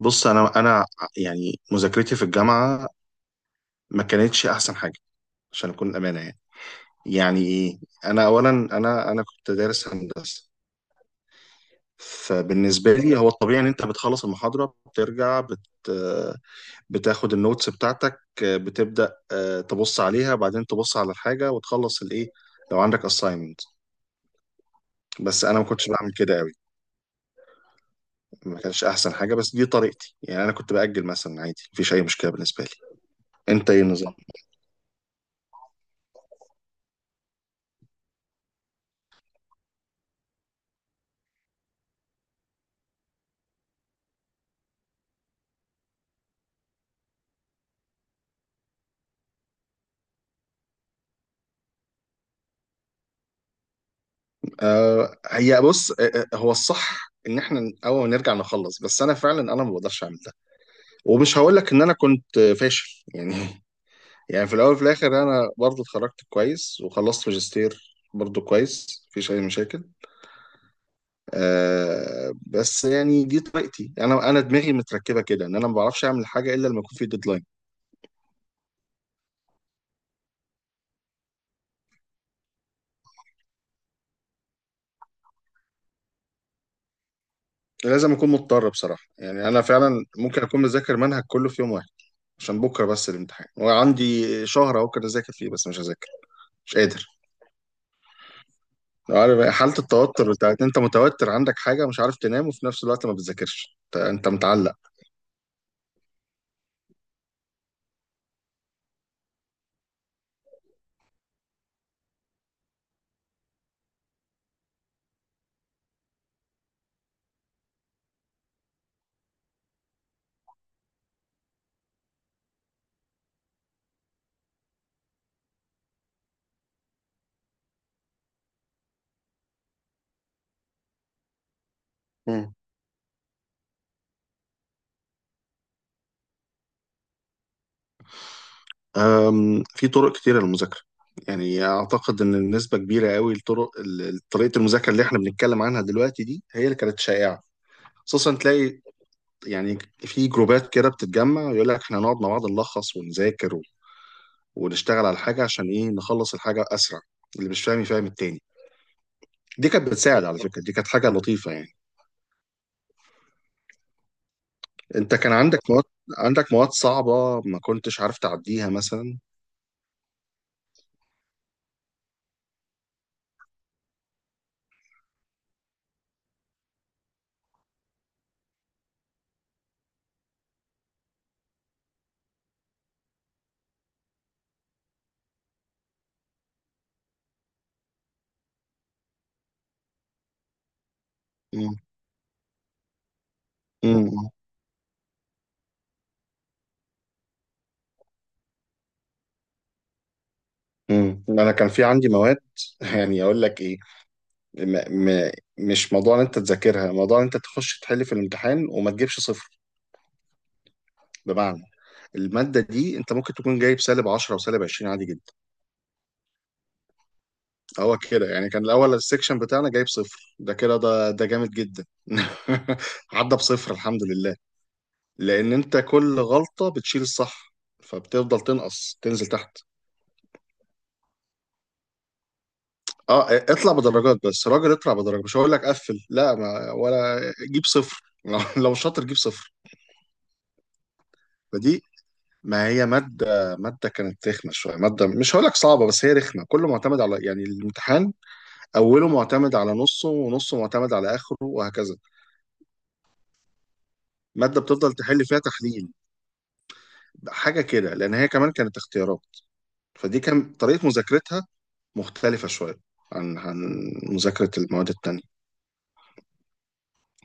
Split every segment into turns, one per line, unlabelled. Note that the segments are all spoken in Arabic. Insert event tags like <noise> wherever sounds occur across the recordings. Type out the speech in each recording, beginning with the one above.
بص انا يعني مذاكرتي في الجامعه ما كانتش احسن حاجه عشان اكون امانه يعني. يعني ايه؟ انا اولا انا كنت دارس هندسه. فبالنسبه لي هو الطبيعي ان انت بتخلص المحاضره بترجع بتاخد النوتس بتاعتك، بتبدا تبص عليها، بعدين تبص على الحاجه وتخلص الايه لو عندك assignment. بس انا ما كنتش بعمل كده قوي، ما كانش احسن حاجه، بس دي طريقتي يعني. انا كنت باجل مثلا، عادي، مفيش اي مشكله بالنسبه لي. انت ايه النظام؟ آه، هي بص، هو الصح ان احنا اول ما نرجع نخلص، بس انا فعلا انا ما بقدرش اعمل ده. ومش هقول لك ان انا كنت فاشل يعني <laughs> يعني في الاول وفي الاخر انا برضو اتخرجت كويس وخلصت ماجستير برضو كويس، مفيش اي مشاكل. آه بس يعني دي طريقتي، انا دماغي متركبه كده ان انا ما بعرفش اعمل حاجه الا لما يكون في ديدلاين. لازم اكون مضطر بصراحه يعني. انا فعلا ممكن اكون مذاكر منهج كله في يوم واحد عشان بكره بس الامتحان، وعندي شهر اهو كده اذاكر فيه بس مش هذاكر، مش قادر. عارف حالة التوتر بتاعت انت متوتر، عندك حاجة، مش عارف تنام، وفي نفس الوقت ما بتذاكرش، انت أنت متعلق. مم. في طرق كتيرة للمذاكرة. يعني أعتقد إن نسبة كبيرة قوي لطرق طريقة المذاكرة اللي إحنا بنتكلم عنها دلوقتي دي هي اللي كانت شائعة. خصوصا تلاقي يعني في جروبات كده بتتجمع ويقول لك إحنا نقعد مع بعض نلخص ونذاكر ونشتغل على حاجة عشان إيه، نخلص الحاجة أسرع، اللي مش فاهم يفهم التاني. دي كانت بتساعد، على فكرة، دي كانت حاجة لطيفة يعني. انت كان عندك مواد، عندك مواد صعبة ما كنتش عارف تعديها مثلا. مم. مم. مم. انا كان في عندي مواد <laughs> يعني اقول لك ايه، م م مش موضوع ان انت تذاكرها، موضوع ان انت تخش تحل في الامتحان وما تجيبش صفر. بمعنى المادة دي انت ممكن تكون جايب سالب 10 وسالب 20 عادي جدا. هو كده يعني. كان الاول السكشن بتاعنا جايب صفر، ده كده ده جامد جدا <laughs> عدى بصفر، الحمد لله. لان انت كل غلطة بتشيل الصح، فبتفضل تنقص تنزل تحت. اه، اطلع بدرجات، بس راجل اطلع بدرجة، مش هقول لك قفل، لا ما ولا. جيب صفر <laughs> لو شاطر جيب صفر. فدي، ما هي مادة، كانت رخمة شوية، مادة مش هقول لك صعبة بس هي رخمة. كله معتمد على يعني الامتحان، أوله معتمد على نصه ونصه معتمد على آخره وهكذا. مادة بتفضل تحل فيها تحليل، حاجة كده، لأن هي كمان كانت اختيارات. فدي كان طريقة مذاكرتها مختلفة شوية عن مذاكرة المواد التانية.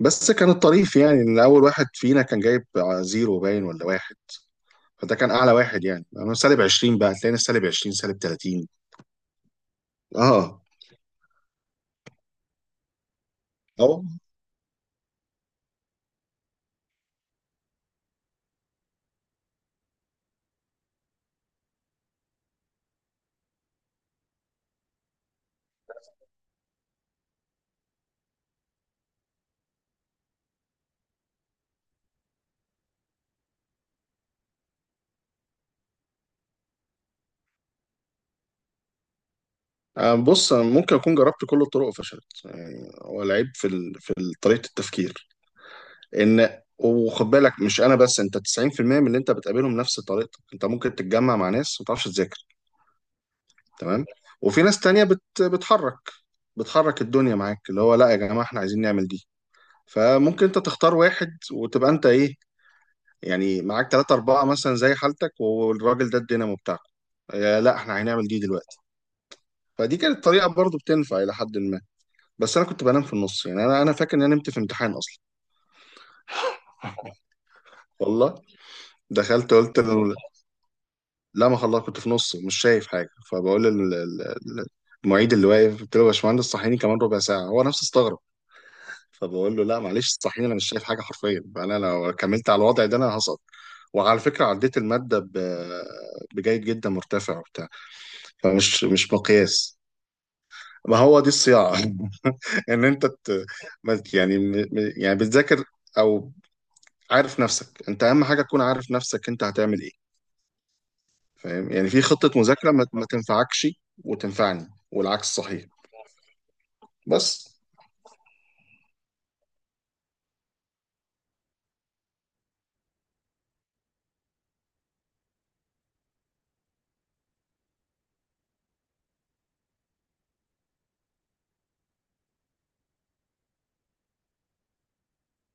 بس كان الطريف يعني ان اول واحد فينا كان جايب زيرو باين ولا واحد، فده كان اعلى واحد يعني. انا سالب 20، بقى هتلاقينا سالب 20 سالب 30. اه. اهو. آه، بص، أنا ممكن اكون جربت كل الطرق وفشلت يعني. هو العيب في طريقه التفكير. ان وخد بالك، مش انا بس، انت 90% من اللي انت بتقابلهم نفس طريقتك. انت ممكن تتجمع مع ناس ما تعرفش تذاكر، تمام، وفي ناس تانية بتحرك، بتحرك الدنيا معاك، اللي هو لا يا جماعه احنا عايزين نعمل دي. فممكن انت تختار واحد وتبقى انت ايه، يعني معاك ثلاثة أربعة مثلا زي حالتك، والراجل ده الدينامو بتاعكم، لا احنا هنعمل دي دلوقتي. فدي كانت طريقة برضو بتنفع إلى حد ما. بس أنا كنت بنام في النص يعني. أنا فاكر إن أنا نمت في امتحان أصلا. والله. دخلت قلت له، لا ما خلاص كنت في نص مش شايف حاجة، فبقول ال- المعيد اللي واقف، قلت له يا باشمهندس صحيني كمان ربع ساعة. هو نفسه استغرب، فبقول له لا معلش صحيني، أنا مش شايف حاجة حرفيا، أنا لو كملت على الوضع ده أنا هسقط. وعلى فكرة عديت المادة بجيد جدا مرتفع. فمش مش مقياس. ما هو دي الصياعة <laughs> ان انت ت... ما- يعني م... م- يعني بتذاكر، او عارف نفسك. انت اهم حاجة تكون عارف نفسك انت هتعمل ايه. فاهم يعني في خطة مذاكرة ما تنفعكش، وتنفعني، والعكس صحيح. بس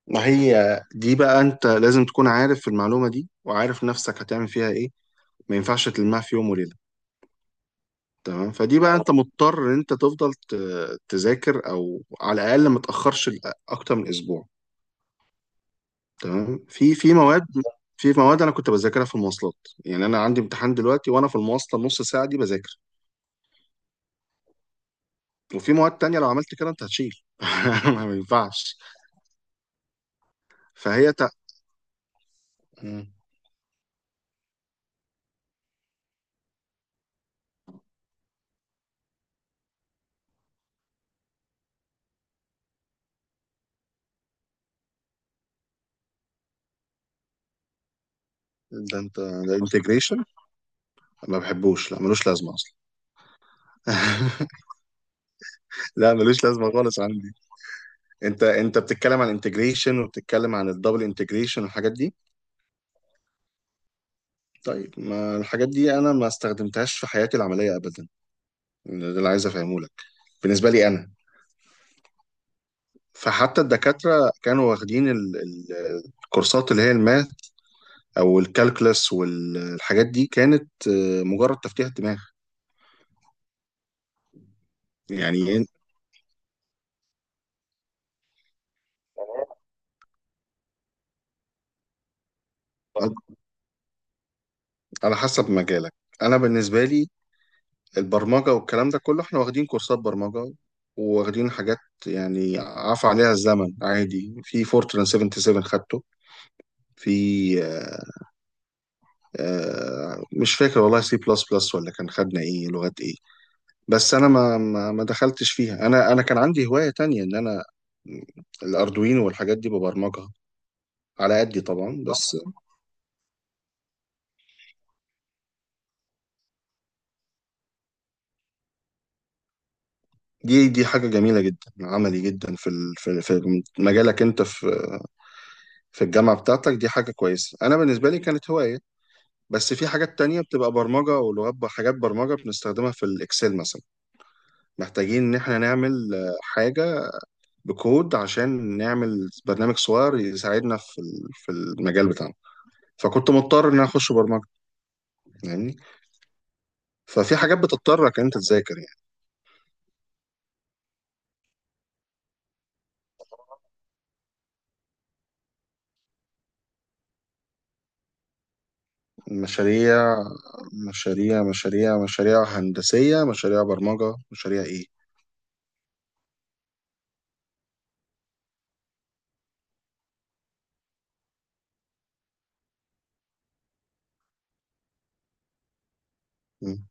ما هي، دي بقى انت لازم تكون عارف المعلومة دي وعارف نفسك هتعمل فيها ايه. ما ينفعش تلمها في يوم وليلة. تمام. فدي بقى انت مضطر ان انت تفضل تذاكر، او على الاقل ما تاخرش اكتر من اسبوع. تمام. في مواد، في مواد انا كنت بذاكرها في المواصلات، يعني انا عندي امتحان دلوقتي وانا في المواصله النص ساعه دي بذاكر. وفي مواد تانية لو عملت كده انت هتشيل <laughs> ما ينفعش. فهي تق... ده انت، ده انتجريشن، ما بحبوش، لا ملوش لازمه اصلا <laughs> لا ملوش لازمه خالص عندي. انت بتتكلم عن انتجريشن وبتتكلم عن الدبل انتجريشن والحاجات دي. طيب ما الحاجات دي انا ما استخدمتهاش في حياتي العمليه ابدا. ده اللي عايز افهمه لك بالنسبه لي انا. فحتى الدكاترة كانوا واخدين الكورسات اللي هي الماث أو الكالكلس والحاجات دي كانت مجرد تفتيح دماغ. يعني إيه؟ على حسب مجالك. أنا بالنسبة لي البرمجة والكلام ده كله، احنا واخدين كورسات برمجة، واخدين حاجات يعني عفى عليها الزمن. عادي، في فورتران 77 خدته. في مش فاكر والله، سي بلس بلس ولا كان خدنا ايه لغات ايه. بس انا ما دخلتش فيها. انا كان عندي هواية تانية ان انا الاردوينو والحاجات دي ببرمجها، على قدي طبعا. بس دي، حاجة جميلة جدا، عملي جدا في مجالك انت، في في الجامعة بتاعتك. دي حاجة كويسة. انا بالنسبة لي كانت هواية. بس في حاجات تانية بتبقى برمجة ولغات، حاجات برمجة بنستخدمها في الاكسل مثلا. محتاجين ان احنا نعمل حاجة بكود عشان نعمل برنامج صغير يساعدنا في المجال بتاعنا. فكنت مضطر ان انا اخش برمجة يعني. ففي حاجات بتضطرك إن انت تذاكر يعني. مشاريع، مشاريع هندسية، مشاريع برمجة، مشاريع ايه. مم.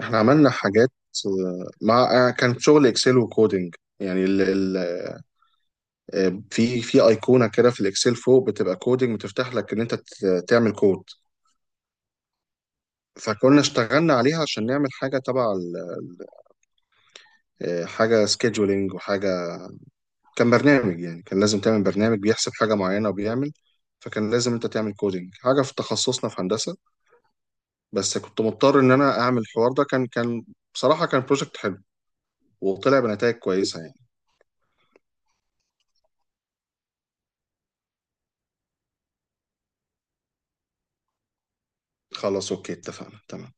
احنا عملنا حاجات آه، مع آه، كان شغل اكسل وكودينج يعني ال ال آه، في في ايقونة كده في الاكسل فوق بتبقى كودينج، بتفتح لك ان انت تعمل كود. فكنا اشتغلنا عليها عشان نعمل حاجة تبع حاجة سكيدولينج وحاجة. كان برنامج يعني، كان لازم تعمل برنامج بيحسب حاجة معينة وبيعمل. فكان لازم انت تعمل كودينج حاجة في تخصصنا في هندسة. بس كنت مضطر ان انا اعمل الحوار ده. كان كان بصراحة كان بروجكت حلو، وطلع بنتائج كويسة يعني. خلاص اوكي، اتفقنا، تمام.